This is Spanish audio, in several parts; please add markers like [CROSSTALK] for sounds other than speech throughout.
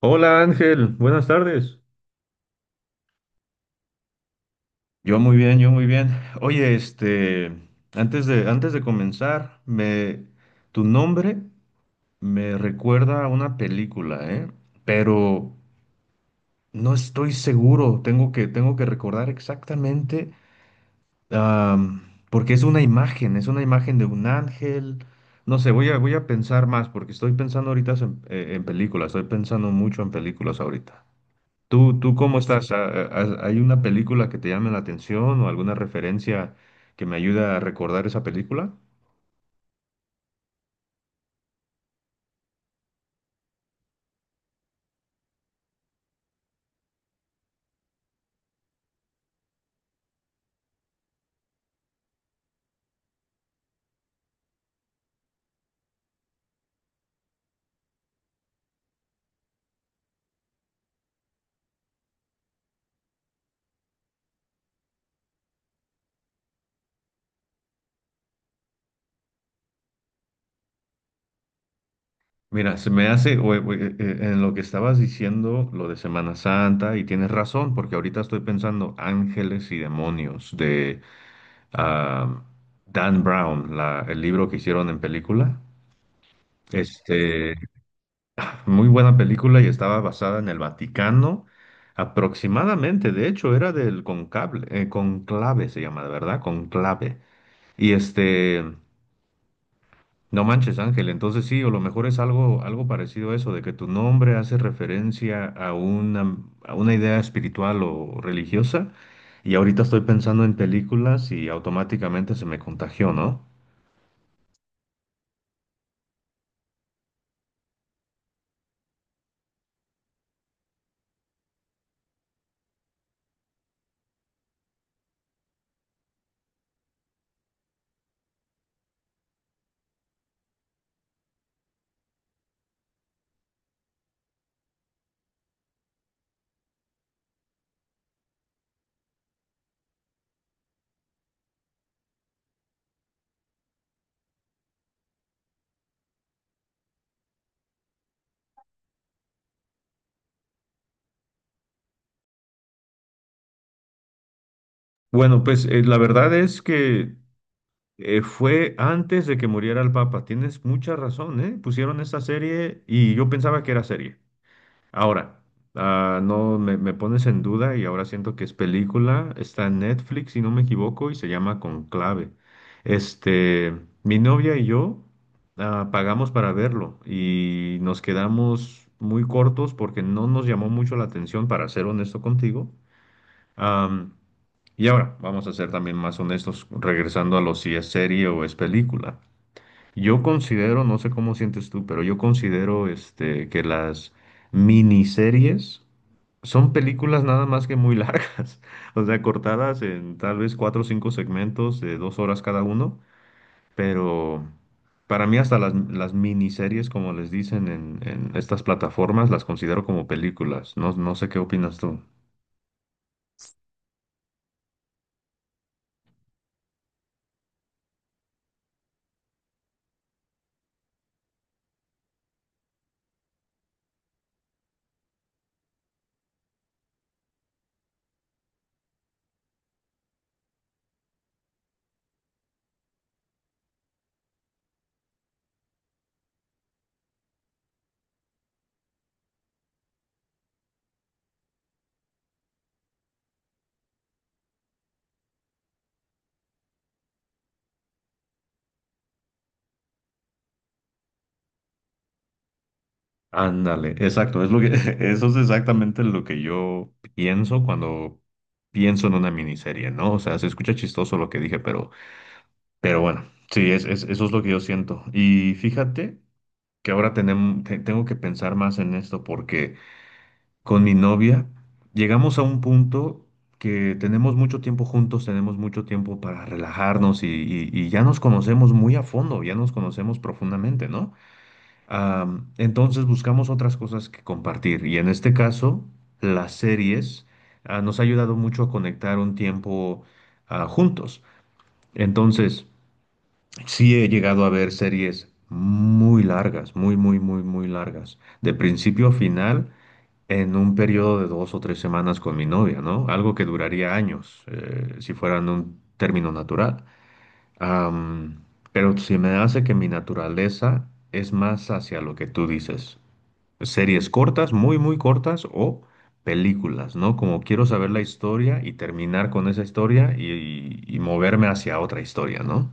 Hola Ángel, buenas tardes. Yo muy bien, yo muy bien. Oye, antes de comenzar, tu nombre me recuerda a una película, ¿eh? Pero no estoy seguro. Tengo que recordar exactamente, am, porque es una imagen de un ángel. No sé, voy a pensar más, porque estoy pensando ahorita en películas, estoy pensando mucho en películas ahorita. ¿Tú cómo estás? ¿Hay una película que te llame la atención o alguna referencia que me ayude a recordar esa película? Mira, se me hace, en lo que estabas diciendo, lo de Semana Santa, y tienes razón, porque ahorita estoy pensando Ángeles y Demonios de ah, Dan Brown, el libro que hicieron en película. Este, Muy buena película y estaba basada en el Vaticano, aproximadamente. De hecho, era del conclave, se llama, ¿verdad? Conclave. Y este, no manches, Ángel, entonces sí, o lo mejor es algo, algo parecido a eso, de que tu nombre hace referencia a una idea espiritual o religiosa, y ahorita estoy pensando en películas y automáticamente se me contagió, ¿no? Bueno, pues la verdad es que fue antes de que muriera el Papa. Tienes mucha razón, ¿eh? Pusieron esta serie y yo pensaba que era serie. Ahora, no me, me pones en duda y ahora siento que es película. Está en Netflix, si no me equivoco, y se llama Conclave. Este, mi novia y yo pagamos para verlo y nos quedamos muy cortos porque no nos llamó mucho la atención, para ser honesto contigo. Am, y ahora, vamos a ser también más honestos, regresando a lo si es serie o es película. Yo considero, no sé cómo sientes tú, pero yo considero que las miniseries son películas nada más que muy largas, [LAUGHS] o sea, cortadas en tal vez cuatro o cinco segmentos de dos horas cada uno, pero para mí hasta las miniseries, como les dicen en estas plataformas, las considero como películas. No, no sé qué opinas tú. Ándale, exacto, es lo que, [LAUGHS] eso es exactamente lo que yo pienso cuando pienso en una miniserie, ¿no? O sea, se escucha chistoso lo que dije, pero bueno, sí, eso es lo que yo siento. Y fíjate que ahora tengo que pensar más en esto porque con mi novia llegamos a un punto que tenemos mucho tiempo juntos, tenemos mucho tiempo para relajarnos y ya nos conocemos muy a fondo, ya nos conocemos profundamente, ¿no? Entonces buscamos otras cosas que compartir y en este caso las series nos ha ayudado mucho a conectar un tiempo juntos. Entonces sí he llegado a ver series muy largas, muy, muy, muy, muy largas, de principio a final en un periodo de dos o tres semanas con mi novia, ¿no? Algo que duraría años si fueran un término natural. Am, pero se me hace que mi naturaleza es más hacia lo que tú dices. Series cortas, muy, muy cortas o películas, ¿no? Como quiero saber la historia y terminar con esa historia y moverme hacia otra historia, ¿no?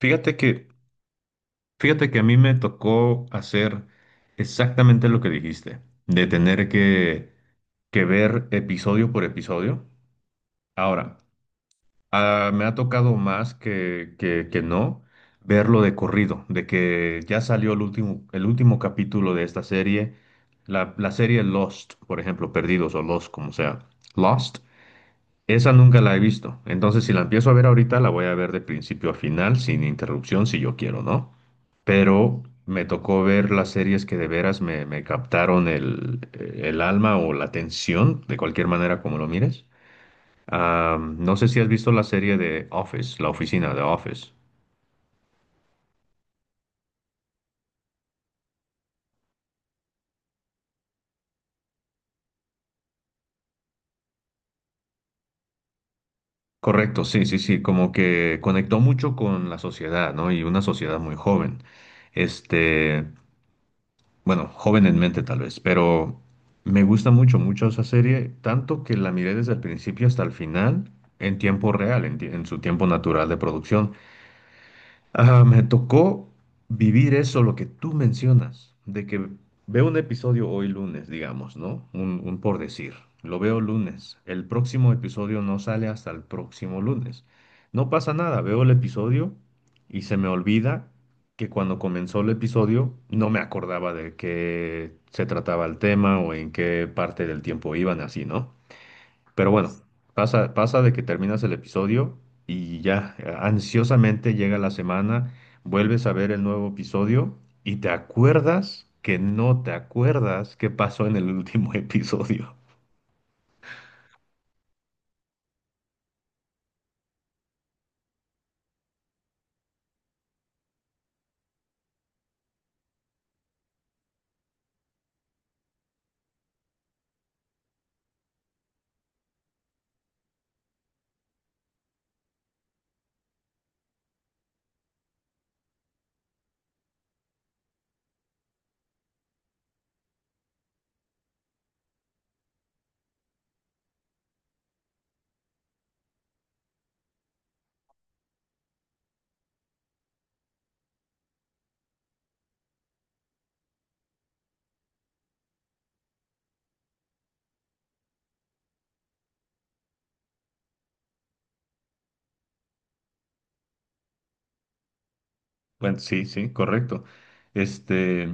Fíjate que, fíjate que a mí me tocó hacer exactamente lo que dijiste, de tener que ver episodio por episodio. Ahora, me ha tocado más que no verlo de corrido, de que ya salió el último capítulo de esta serie, la serie Lost, por ejemplo, Perdidos o Lost, como sea, Lost, esa nunca la he visto. Entonces, si la empiezo a ver ahorita, la voy a ver de principio a final, sin interrupción, si yo quiero, ¿no? Pero me tocó ver las series que de veras me captaron el alma o la atención, de cualquier manera como lo mires. Ah, no sé si has visto la serie de Office, la oficina de Office. Correcto, sí, sí, sí, como que conectó mucho con la sociedad, ¿no? Y una sociedad muy joven. Este, bueno, joven en mente tal vez, pero me gusta mucho, mucho esa serie, tanto que la miré desde el principio hasta el final en tiempo real, en su tiempo natural de producción. Ah, me tocó vivir eso, lo que tú mencionas, de que veo un episodio hoy lunes, digamos, ¿no? Un por decir, lo veo lunes, el próximo episodio no sale hasta el próximo lunes. No pasa nada, veo el episodio y se me olvida que cuando comenzó el episodio no me acordaba de qué se trataba el tema o en qué parte del tiempo iban así, ¿no? Pero bueno, pasa, pasa de que terminas el episodio y ya ansiosamente llega la semana, vuelves a ver el nuevo episodio y te acuerdas que no te acuerdas qué pasó en el último [LAUGHS] episodio. Bueno, sí, sí, correcto. Este.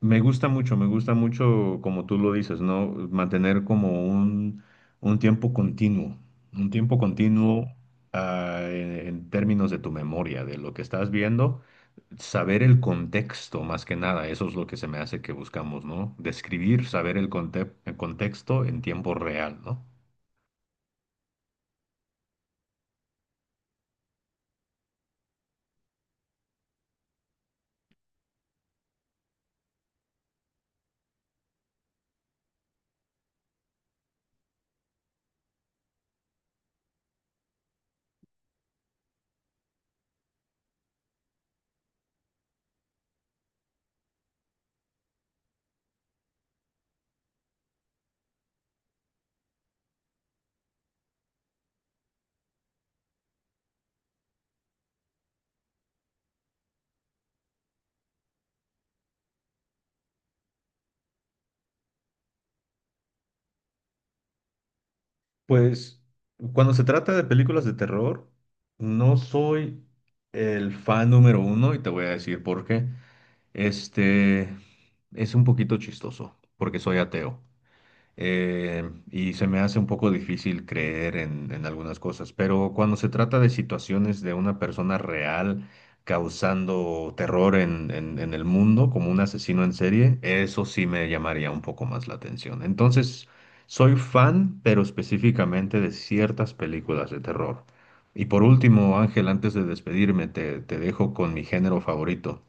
Me gusta mucho, como tú lo dices, ¿no? Mantener como un tiempo continuo, un tiempo continuo en términos de tu memoria, de lo que estás viendo, saber el contexto más que nada, eso es lo que se me hace que buscamos, ¿no? Describir, saber el contexto en tiempo real, ¿no? Pues cuando se trata de películas de terror, no soy el fan número uno y te voy a decir por qué. Este es un poquito chistoso porque soy ateo y se me hace un poco difícil creer en algunas cosas, pero cuando se trata de situaciones de una persona real causando terror en el mundo como un asesino en serie, eso sí me llamaría un poco más la atención. Entonces, soy fan, pero específicamente de ciertas películas de terror. Y por último, Ángel, antes de despedirme, te dejo con mi género favorito.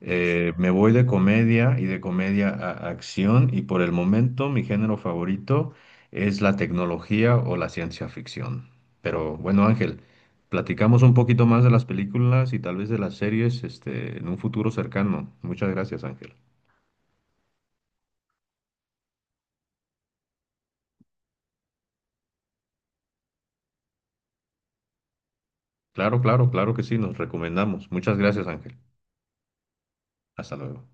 Me voy de comedia y de comedia a acción y por el momento mi género favorito es la tecnología o la ciencia ficción. Pero bueno, Ángel, platicamos un poquito más de las películas y tal vez de las series, este, en un futuro cercano. Muchas gracias, Ángel. Claro, claro, claro que sí, nos recomendamos. Muchas gracias, Ángel. Hasta luego.